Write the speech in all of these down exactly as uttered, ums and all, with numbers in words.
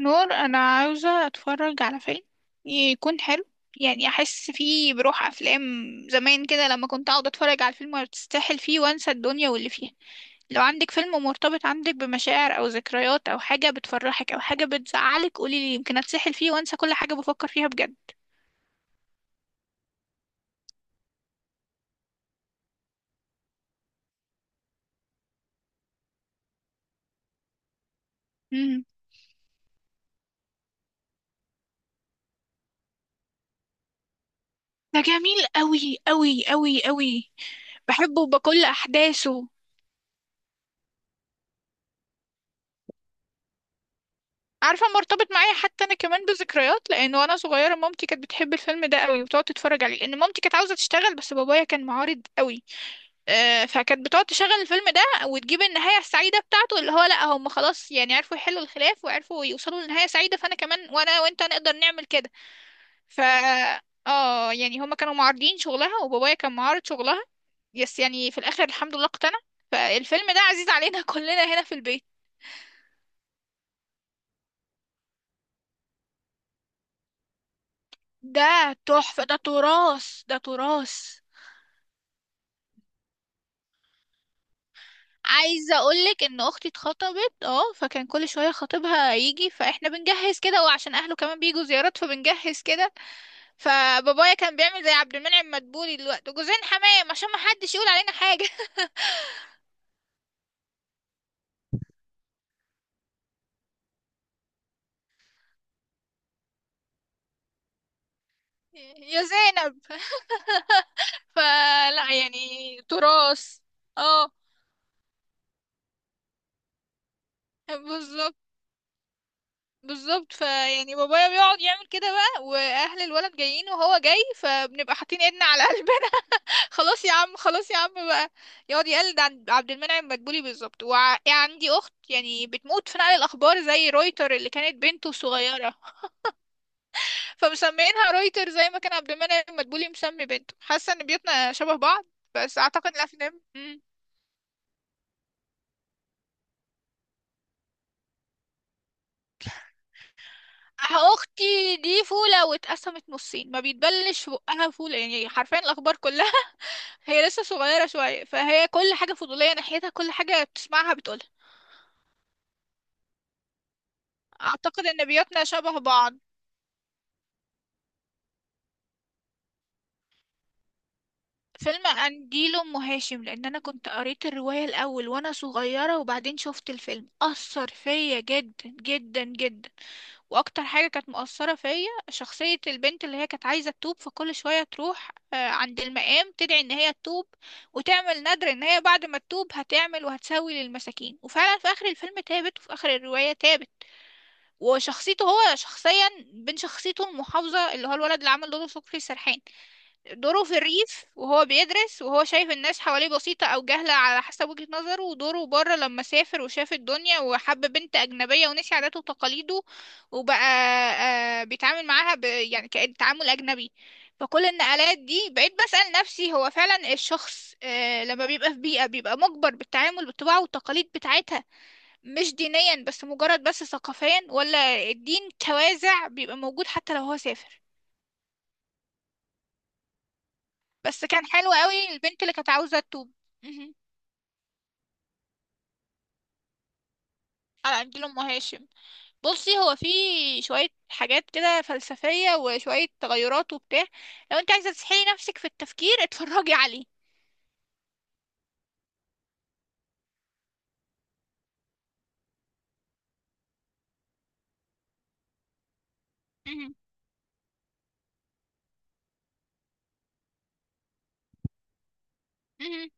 نور، انا عاوزه اتفرج على فيلم يكون حلو، يعني احس فيه بروح افلام زمان كده لما كنت اقعد اتفرج على الفيلم وتستاهل فيه وانسى الدنيا واللي فيها. لو عندك فيلم مرتبط عندك بمشاعر او ذكريات او حاجه بتفرحك او حاجه بتزعلك قولي لي، يمكن اتسحل فيه وانسى كل حاجه بفكر فيها بجد. امم ده جميل قوي قوي قوي قوي. بحبه بكل احداثه. عارفة مرتبط معايا حتى أنا كمان بذكريات، لأن وأنا صغيرة مامتي كانت بتحب الفيلم ده قوي وبتقعد تتفرج عليه، لأن مامتي كانت عاوزة تشتغل بس بابايا كان معارض قوي. آه فكانت بتقعد تشغل الفيلم ده وتجيب النهاية السعيدة بتاعته، اللي هو لأ هم خلاص يعني عرفوا يحلوا الخلاف وعرفوا يوصلوا لنهاية سعيدة، فأنا كمان وأنا وأنت نقدر نعمل كده. ف اه يعني هما كانوا معارضين شغلها وبابايا كان معارض شغلها. يس يعني في الآخر الحمد لله اقتنع، فالفيلم ده عزيز علينا كلنا هنا في البيت. ده تحفة، ده تراث، ده تراث. عايزة اقولك ان اختي اتخطبت، اه، فكان كل شوية خطيبها يجي، فاحنا بنجهز كده، وعشان اهله كمان بيجوا زيارات فبنجهز كده. فبابايا كان بيعمل زي عبد المنعم مدبولي دلوقتي، جوزين حمام عشان ما حدش يقول علينا حاجة يا زينب فلا يعني تراث. اه، بالظبط، بالظبط. فيعني بابايا بيقعد يعمل كده بقى واهل الولد جايين وهو جاي، فبنبقى حاطين ايدنا على قلبه، خلاص يا عم، خلاص يا عم بقى. يقعد يقلد عن عبد المنعم مدبولي بالظبط. وعندي اخت يعني بتموت في نقل الاخبار زي رويتر اللي كانت بنته صغيره، فمسميينها رويتر زي ما كان عبد المنعم مدبولي مسمي بنته. حاسه ان بيوتنا شبه بعض. بس اعتقد الافلام مم. أه، اختي دي فوله واتقسمت نصين، ما بيتبلش في بقها فوله، يعني حرفيا الاخبار كلها هي لسه صغيره شويه فهي كل حاجه فضوليه ناحيتها، كل حاجه بتسمعها بتقولها. اعتقد ان بيوتنا شبه بعض. فيلم قنديل ام هاشم، لان انا كنت قريت الرواية الاول وانا صغيرة وبعدين شفت الفيلم، اثر فيا جدا جدا جدا. واكتر حاجة كانت مؤثرة فيا شخصية البنت اللي هي كانت عايزة تتوب، فكل شوية تروح آه، عند المقام تدعي ان هي تتوب وتعمل نذر ان هي بعد ما تتوب هتعمل وهتسوي للمساكين، وفعلا في اخر الفيلم تابت وفي اخر الرواية تابت. وشخصيته هو شخصيا بين شخصيته المحافظة، اللي هو الولد اللي عمل دوره سكري سرحان، دوره في الريف وهو بيدرس وهو شايف الناس حواليه بسيطة أو جهلة على حسب وجهة نظره، ودوره بره لما سافر وشاف الدنيا وحب بنت أجنبية ونسي عاداته وتقاليده، وبقى آه، بيتعامل معاها ب... يعني كأن تعامل أجنبي. فكل النقلات دي بقيت بسأل نفسي، هو فعلا الشخص آه، لما بيبقى في بيئة بيبقى مجبر بالتعامل بالطباع والتقاليد بتاعتها؟ مش دينيا بس، مجرد بس ثقافيا، ولا الدين توازع بيبقى موجود حتى لو هو سافر. بس كان حلو قوي، البنت اللي كانت عاوزة توب. مهم. على عبد الأم هاشم. بصي، هو في شوية حاجات كده فلسفية وشوية تغيرات وبتاع. لو انت عايزة تسحلي نفسك في التفكير اتفرجي عليه. مهم. مهم.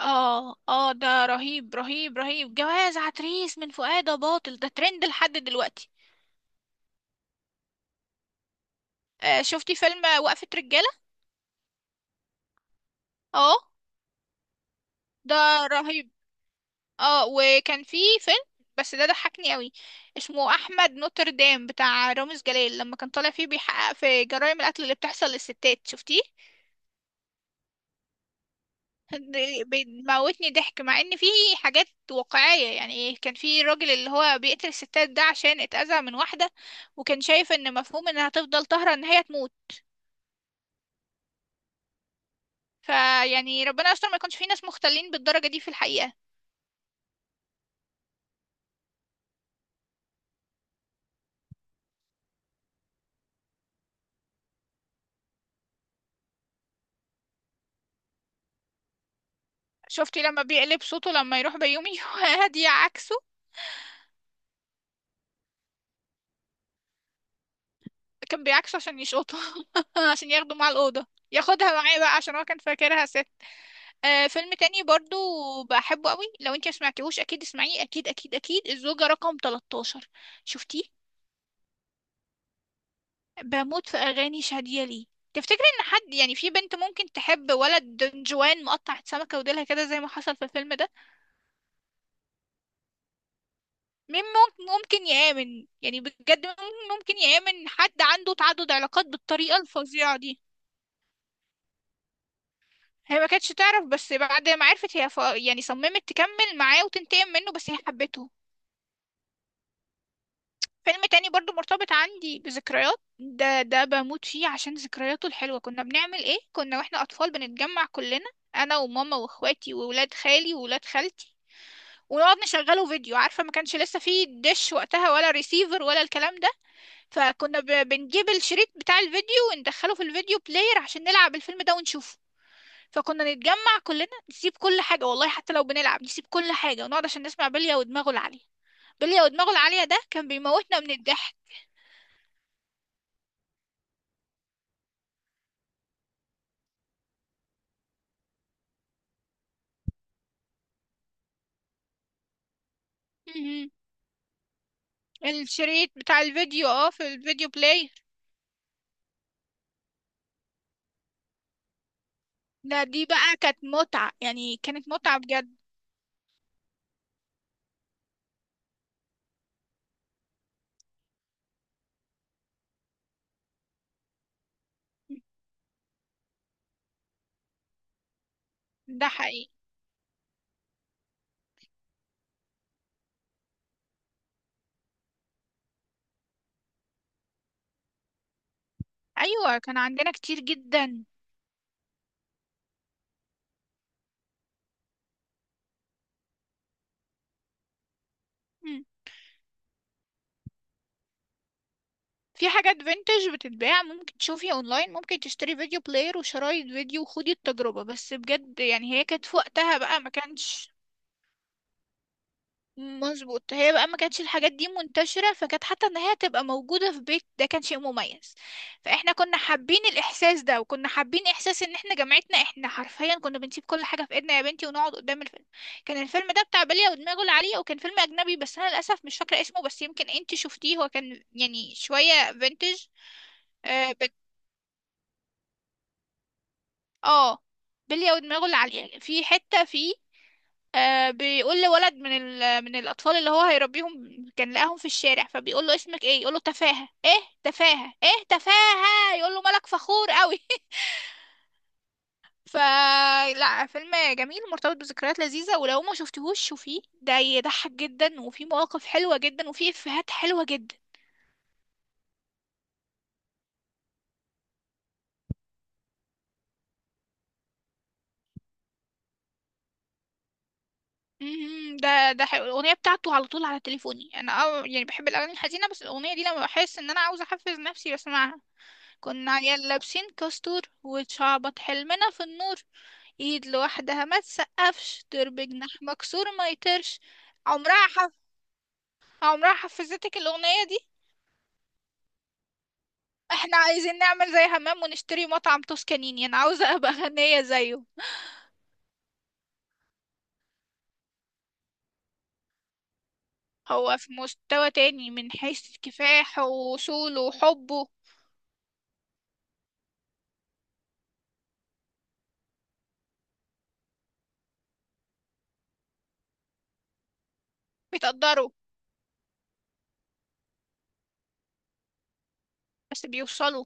اه اه، ده رهيب رهيب رهيب. جواز عتريس من فؤاد باطل ده ترند لحد دلوقتي. آه، شفتي فيلم وقفة رجالة؟ اه، ده رهيب. اه، وكان في فيلم، بس ده ضحكني قوي، اسمه احمد نوتردام بتاع رامز جلال، لما كان طالع فيه بيحقق في جرائم القتل اللي بتحصل للستات، شفتيه؟ ده بيموتني ضحك مع ان فيه حاجات واقعية، يعني كان في الراجل اللي هو بيقتل الستات ده عشان اتأذى من واحدة، وكان شايف ان مفهوم انها هتفضل طاهرة ان هي تموت. فيعني ربنا يستر ما يكونش في ناس مختلين بالدرجة دي في الحقيقة. شفتي لما بيقلب صوته لما يروح بيومي وهادية عكسه؟ كان بيعكسه عشان يشقطه، آه، عشان ياخده مع الأوضة، ياخدها معاه بقى عشان هو كان فاكرها ست. آه فيلم تاني برضو بحبه قوي، لو انت سمعتيهوش اكيد اسمعيه، اكيد اكيد اكيد، الزوجة رقم تلتاشر. شفتيه؟ بموت في اغاني شادية ليه. تفتكري ان حد يعني، في بنت ممكن تحب ولد دنجوان مقطع سمكة وديلها كده زي ما حصل في الفيلم ده؟ مين ممكن، ممكن يآمن، يعني بجد مين ممكن يآمن حد عنده تعدد علاقات بالطريقة الفظيعة دي؟ هي ما كانتش تعرف، بس بعد ما عرفت هي ف... يعني صممت تكمل معاه وتنتقم منه، بس هي حبته. فيلم تاني برضو مرتبط عندي بذكريات، ده ده بموت فيه عشان ذكرياته الحلوة. كنا بنعمل ايه، كنا واحنا اطفال بنتجمع كلنا، انا وماما واخواتي وولاد خالي وولاد خالتي، ونقعد نشغله فيديو. عارفة ما كانش لسه فيه دش وقتها ولا ريسيفر ولا الكلام ده، فكنا ب... بنجيب الشريط بتاع الفيديو وندخله في الفيديو بلاير عشان نلعب الفيلم ده ونشوفه. فكنا نتجمع كلنا، نسيب كل حاجة، والله حتى لو بنلعب نسيب كل حاجة ونقعد عشان نسمع بلية ودماغه العالية. بلية ودماغه العالية ده كان بيموتنا من الضحك. مهم. الشريط بتاع الفيديو، اه، في الفيديو بلاي. ده دي بقى كانت متعة، يعني كانت متعة بجد. ده حقيقي. ايوه كان عندنا كتير جدا. مم. في حاجات فينتج بتتباع، ممكن تشوفيها اونلاين، ممكن تشتري فيديو بلاير وشرايط فيديو وخدي التجربة، بس بجد يعني هي كانت في وقتها بقى ما كانش. مظبوط، هي بقى ما كانتش الحاجات دي منتشرة، فكانت حتى ان هي تبقى موجودة في بيت ده كان شيء مميز. فاحنا كنا حابين الاحساس ده، وكنا حابين احساس ان احنا جامعتنا، احنا حرفيا كنا بنسيب كل حاجة في ايدنا يا بنتي ونقعد قدام الفيلم. كان الفيلم ده بتاع بلية ودماغه العالية، وكان فيلم اجنبي بس انا للاسف مش فاكرة اسمه، بس يمكن انت شفتيه، هو كان يعني شوية فينتج. اه بت- آه، بلية ودماغه العالية في حتة فيه، آه بيقول لولد من ال... من الأطفال اللي هو هيربيهم، كان لقاهم في الشارع، فبيقول له اسمك ايه، يقول له تفاهة. ايه تفاهة؟ ايه تفاهة؟ يقول له، مالك فخور قوي؟ فلا، فيلم جميل مرتبط بذكريات لذيذة، ولو ما شفتهوش شوفيه، ده يضحك جدا وفي مواقف حلوة جدا وفي إفيهات حلوة جدا. مهم. ده ده حلو. الأغنية بتاعته على طول على تليفوني أنا، أه يعني بحب الأغاني الحزينة بس الأغنية دي لما بحس إن أنا عاوزة أحفز نفسي بسمعها. كنا عيال لابسين كاستور وشعبط، حلمنا في النور، ايد لوحدها ما تسقفش، درب جناح مكسور ما يطيرش. عمرها حف... عمرها حفظتك الاغنية دي. احنا عايزين نعمل زي همام ونشتري مطعم توسكانيني، انا عاوزة ابقى غنية زيه. هو في مستوى تاني من حيث كفاحه ووصوله وحبه. بيتقدروا. بس بيوصلوا.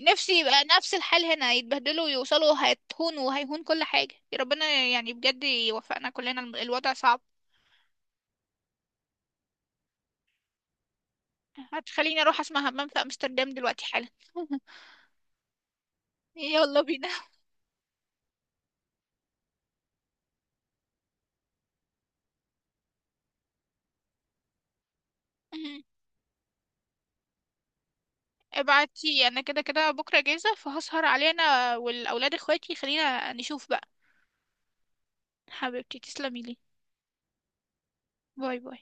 نفسي يبقى نفس الحال هنا، يتبهدلوا ويوصلوا، هيتهونوا وهيهون كل حاجة يا ربنا، يعني بجد يوفقنا كلنا، الم- الوضع صعب. هتخليني اروح اسمع همام في امستردام دلوقتي حالا يلا بينا مهم. ابعتي، انا كده كده بكره جاهزه، فهسهر علينا والاولاد اخواتي، خلينا نشوف بقى. حبيبتي تسلمي لي. باي باي.